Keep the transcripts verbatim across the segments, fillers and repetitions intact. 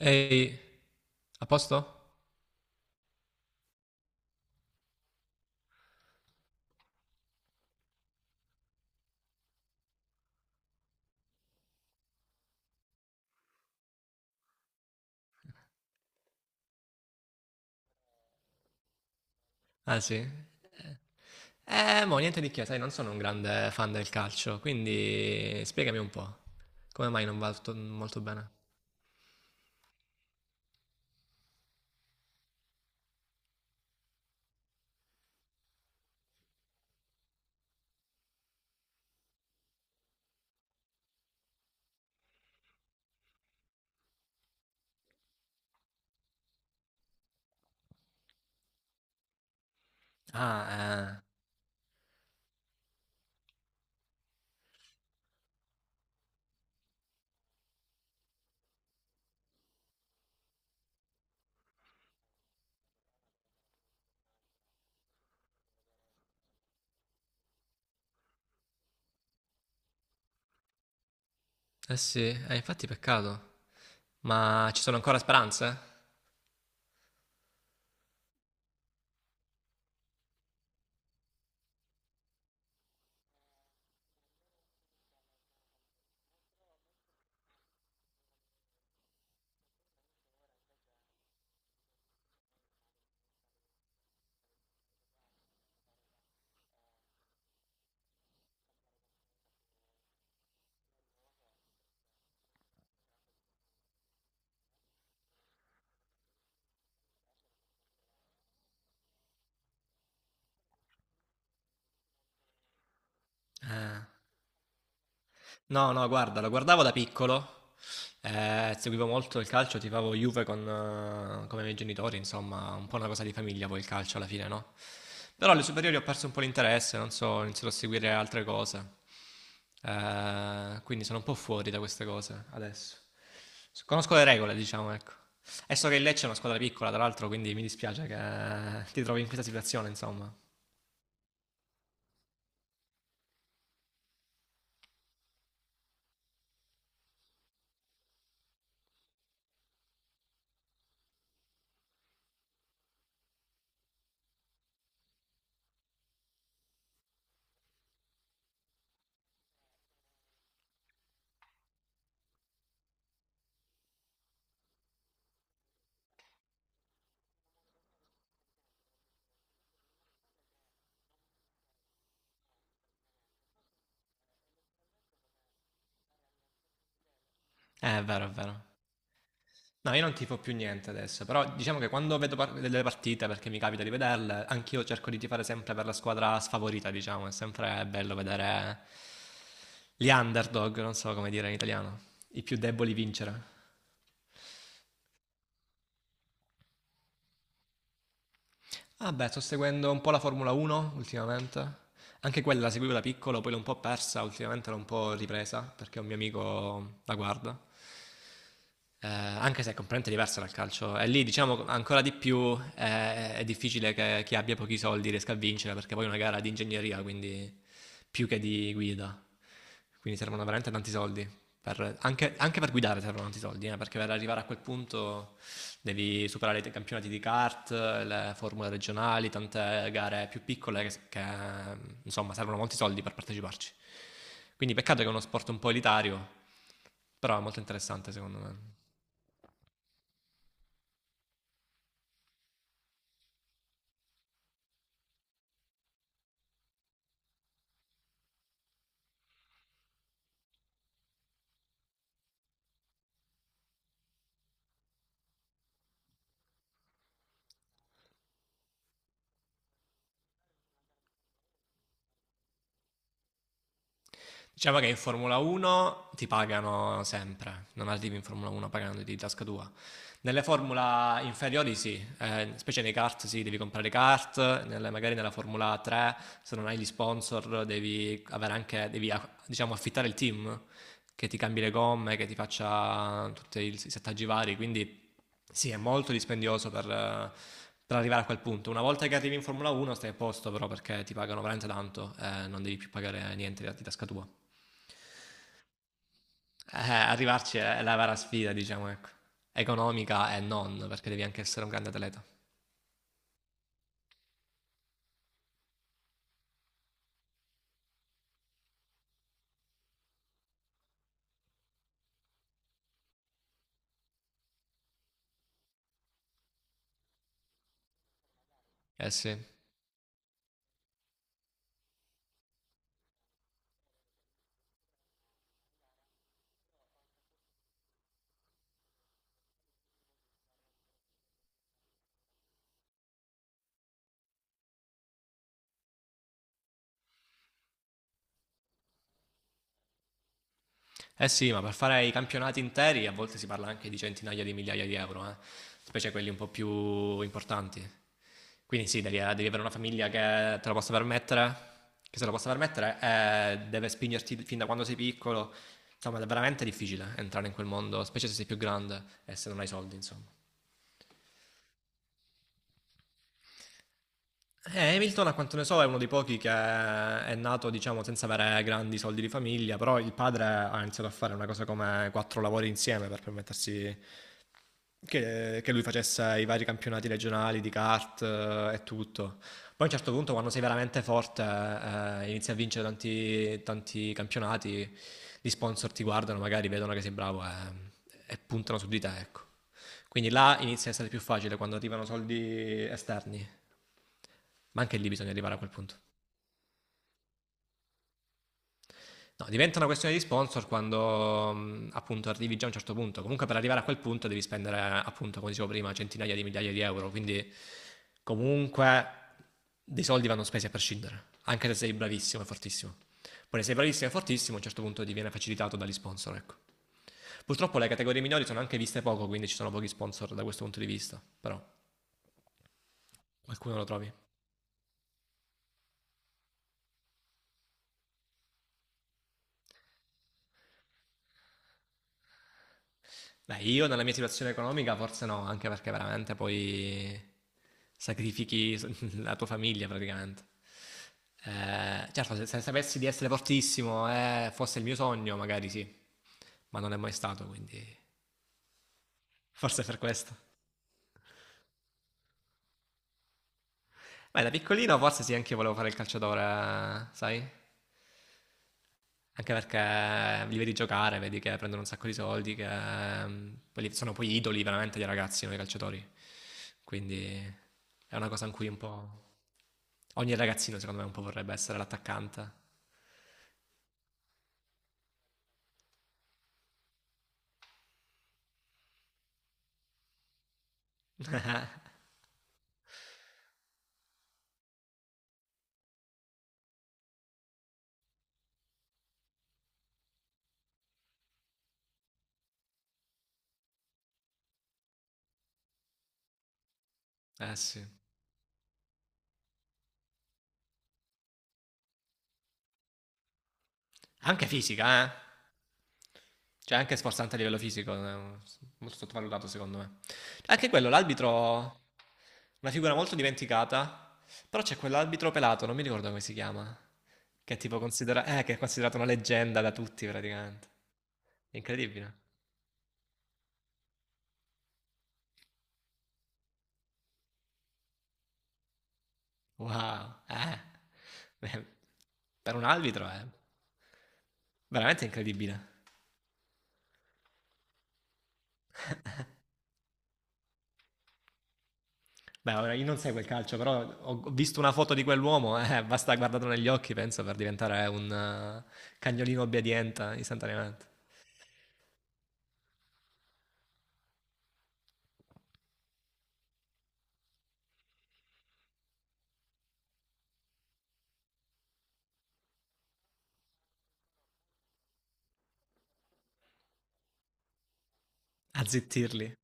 Ehi, a posto? Ah sì? Eh, mo, niente di che, sai, non sono un grande fan del calcio, quindi spiegami un po'. Come mai non va tutto molto bene? Ah, eh. Eh sì, eh, infatti peccato. Ma ci sono ancora speranze? Eh. No, no, guarda, lo guardavo da piccolo, eh, seguivo molto il calcio, tifavo Juve con, eh, come i miei genitori, insomma, un po' una cosa di famiglia poi il calcio alla fine, no? Però alle superiori ho perso un po' l'interesse, non so, ho iniziato a seguire altre cose. Eh, quindi sono un po' fuori da queste cose adesso. Conosco le regole, diciamo, ecco. E so che il Lecce è una squadra piccola, tra l'altro, quindi mi dispiace che eh, ti trovi in questa situazione, insomma. Eh, è vero, è vero. No, io non tifo più niente adesso, però diciamo che quando vedo par- delle partite, perché mi capita di vederle, anch'io cerco di tifare sempre per la squadra sfavorita, diciamo, è sempre bello vedere gli underdog, non so come dire in italiano, i più deboli vincere. Ah beh, sto seguendo un po' la Formula uno ultimamente. Anche quella la seguivo da piccolo, poi l'ho un po' persa, ultimamente l'ho un po' ripresa perché un mio amico la guarda. Eh, anche se è completamente diversa dal calcio. E lì, diciamo, ancora di più eh, è difficile che chi abbia pochi soldi riesca a vincere perché poi è una gara di ingegneria, quindi più che di guida. Quindi servono veramente tanti soldi. per- anche, anche per guidare servono tanti soldi, eh, perché per arrivare a quel punto devi superare i te- campionati di kart, le formule regionali, tante gare più piccole che, che, insomma servono molti soldi per parteciparci. Quindi peccato che è uno sport un po' elitario, però è molto interessante secondo me. Diciamo che in Formula uno ti pagano sempre, non arrivi in Formula uno pagando di tasca tua. Nelle Formula inferiori sì, eh, specie nei kart sì, devi comprare kart, nelle- magari nella Formula tre se non hai gli sponsor devi, avere anche, devi a- diciamo, affittare il team che ti cambi le gomme, che ti faccia tutti i settaggi vari, quindi sì, è molto dispendioso per, eh, per arrivare a quel punto. Una volta che arrivi in Formula uno stai a posto però perché ti pagano veramente tanto, eh, non devi più pagare niente di tasca tua. Eh, arrivarci è la vera sfida, diciamo, ecco. Economica e non, perché devi anche essere un grande atleta. Eh sì. Eh sì, ma per fare i campionati interi a volte si parla anche di centinaia di migliaia di euro, eh. Specie quelli un po' più importanti. Quindi sì, devi, eh, devi avere una famiglia che te lo possa permettere, che se lo possa permettere, e deve spingerti fin da quando sei piccolo. Insomma, è veramente difficile entrare in quel mondo, specie se sei più grande e se non hai soldi, insomma. Eh, Hamilton, a quanto ne so, è uno dei pochi che è nato, diciamo, senza avere grandi soldi di famiglia, però il padre ha iniziato a fare una cosa come quattro lavori insieme per permettersi che, che lui facesse i vari campionati regionali di kart eh, e tutto. Poi a un certo punto, quando sei veramente forte, eh, inizi a vincere tanti, tanti campionati, gli sponsor ti guardano, magari vedono che sei bravo e, e puntano su di te, ecco. Quindi là inizia a essere più facile quando arrivano soldi esterni. Ma anche lì bisogna arrivare a quel punto. No, diventa una questione di sponsor quando mh, appunto arrivi già a un certo punto. Comunque per arrivare a quel punto devi spendere appunto, come dicevo prima, centinaia di migliaia di euro. Quindi comunque dei soldi vanno spesi a prescindere, anche se sei bravissimo e fortissimo. Poi se sei bravissimo e fortissimo a un certo punto diviene facilitato dagli sponsor, ecco. Purtroppo le categorie minori sono anche viste poco, quindi ci sono pochi sponsor da questo punto di vista, però qualcuno lo trovi. Beh, io nella mia situazione economica forse no, anche perché veramente poi sacrifichi la tua famiglia praticamente. Eh, certo, se, se sapessi di essere fortissimo e fosse il mio sogno, magari sì, ma non è mai stato, quindi forse per questo. Beh, da piccolino forse sì, anche io volevo fare il calciatore, sai? Anche perché li vedi giocare, vedi che prendono un sacco di soldi, che mm, quelli sono poi idoli veramente dei ragazzi, no, i calciatori. Quindi è una cosa in cui un po'. Ogni ragazzino, secondo me, un po' vorrebbe essere l'attaccante. Eh sì. Anche fisica, eh. Cioè, anche sforzante a livello fisico, eh, molto sottovalutato, secondo me. Anche quello, l'arbitro. Una figura molto dimenticata. Però c'è quell'arbitro pelato, non mi ricordo come si chiama. Che è tipo considera- eh, che è considerato una leggenda da tutti, praticamente. Incredibile. Wow. Eh. Beh, per un arbitro è veramente incredibile. Beh, ora io non seguo il calcio, però ho ho visto una foto di quell'uomo, eh, basta guardarlo negli occhi, penso, per diventare un eh, cagnolino obbediente istantaneamente. Azzittirli.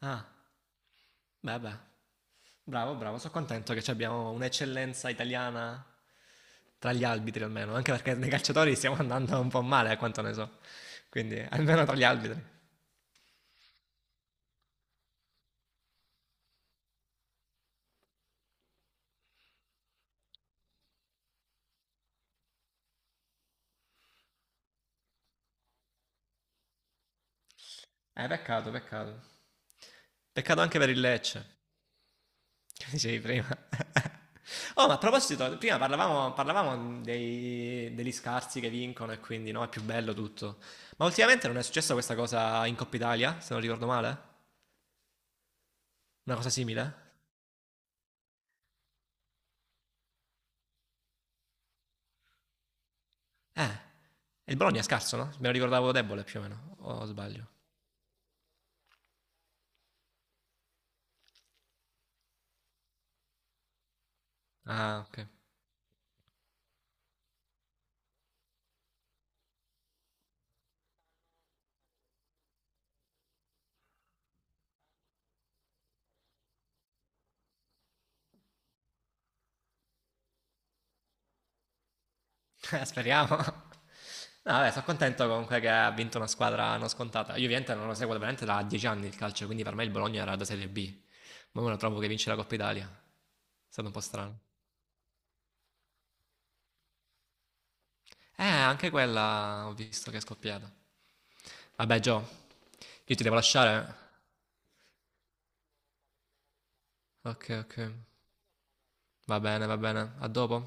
Ah, beh, beh. Bravo, bravo, sono contento che ci abbiamo un'eccellenza italiana tra gli arbitri almeno, anche perché nei calciatori stiamo andando un po' male, a quanto ne so. Quindi, almeno tra gli arbitri. Eh, peccato, peccato. Peccato anche per il Lecce. Dicevi prima. Oh, ma a proposito, prima parlavamo, parlavamo dei- degli scarsi che vincono e quindi no, è più bello tutto. Ma ultimamente non è successa questa cosa in Coppa Italia, se non ricordo male? Una cosa simile? Eh, e il Bologna è scarso, no? Me lo ricordavo debole più o meno, o sbaglio. Ah, ok. Eh, Speriamo. No, vabbè, sono contento comunque che ha vinto una squadra non scontata. Io ovviamente non lo seguo veramente da dieci anni il calcio, quindi per me il Bologna era da Serie B. Ma ora trovo che vince la Coppa Italia. È stato un po' strano. Eh, anche quella ho visto che è scoppiata. Vabbè, Gio, io ti devo lasciare. Ok, ok. Va bene, va bene. A dopo.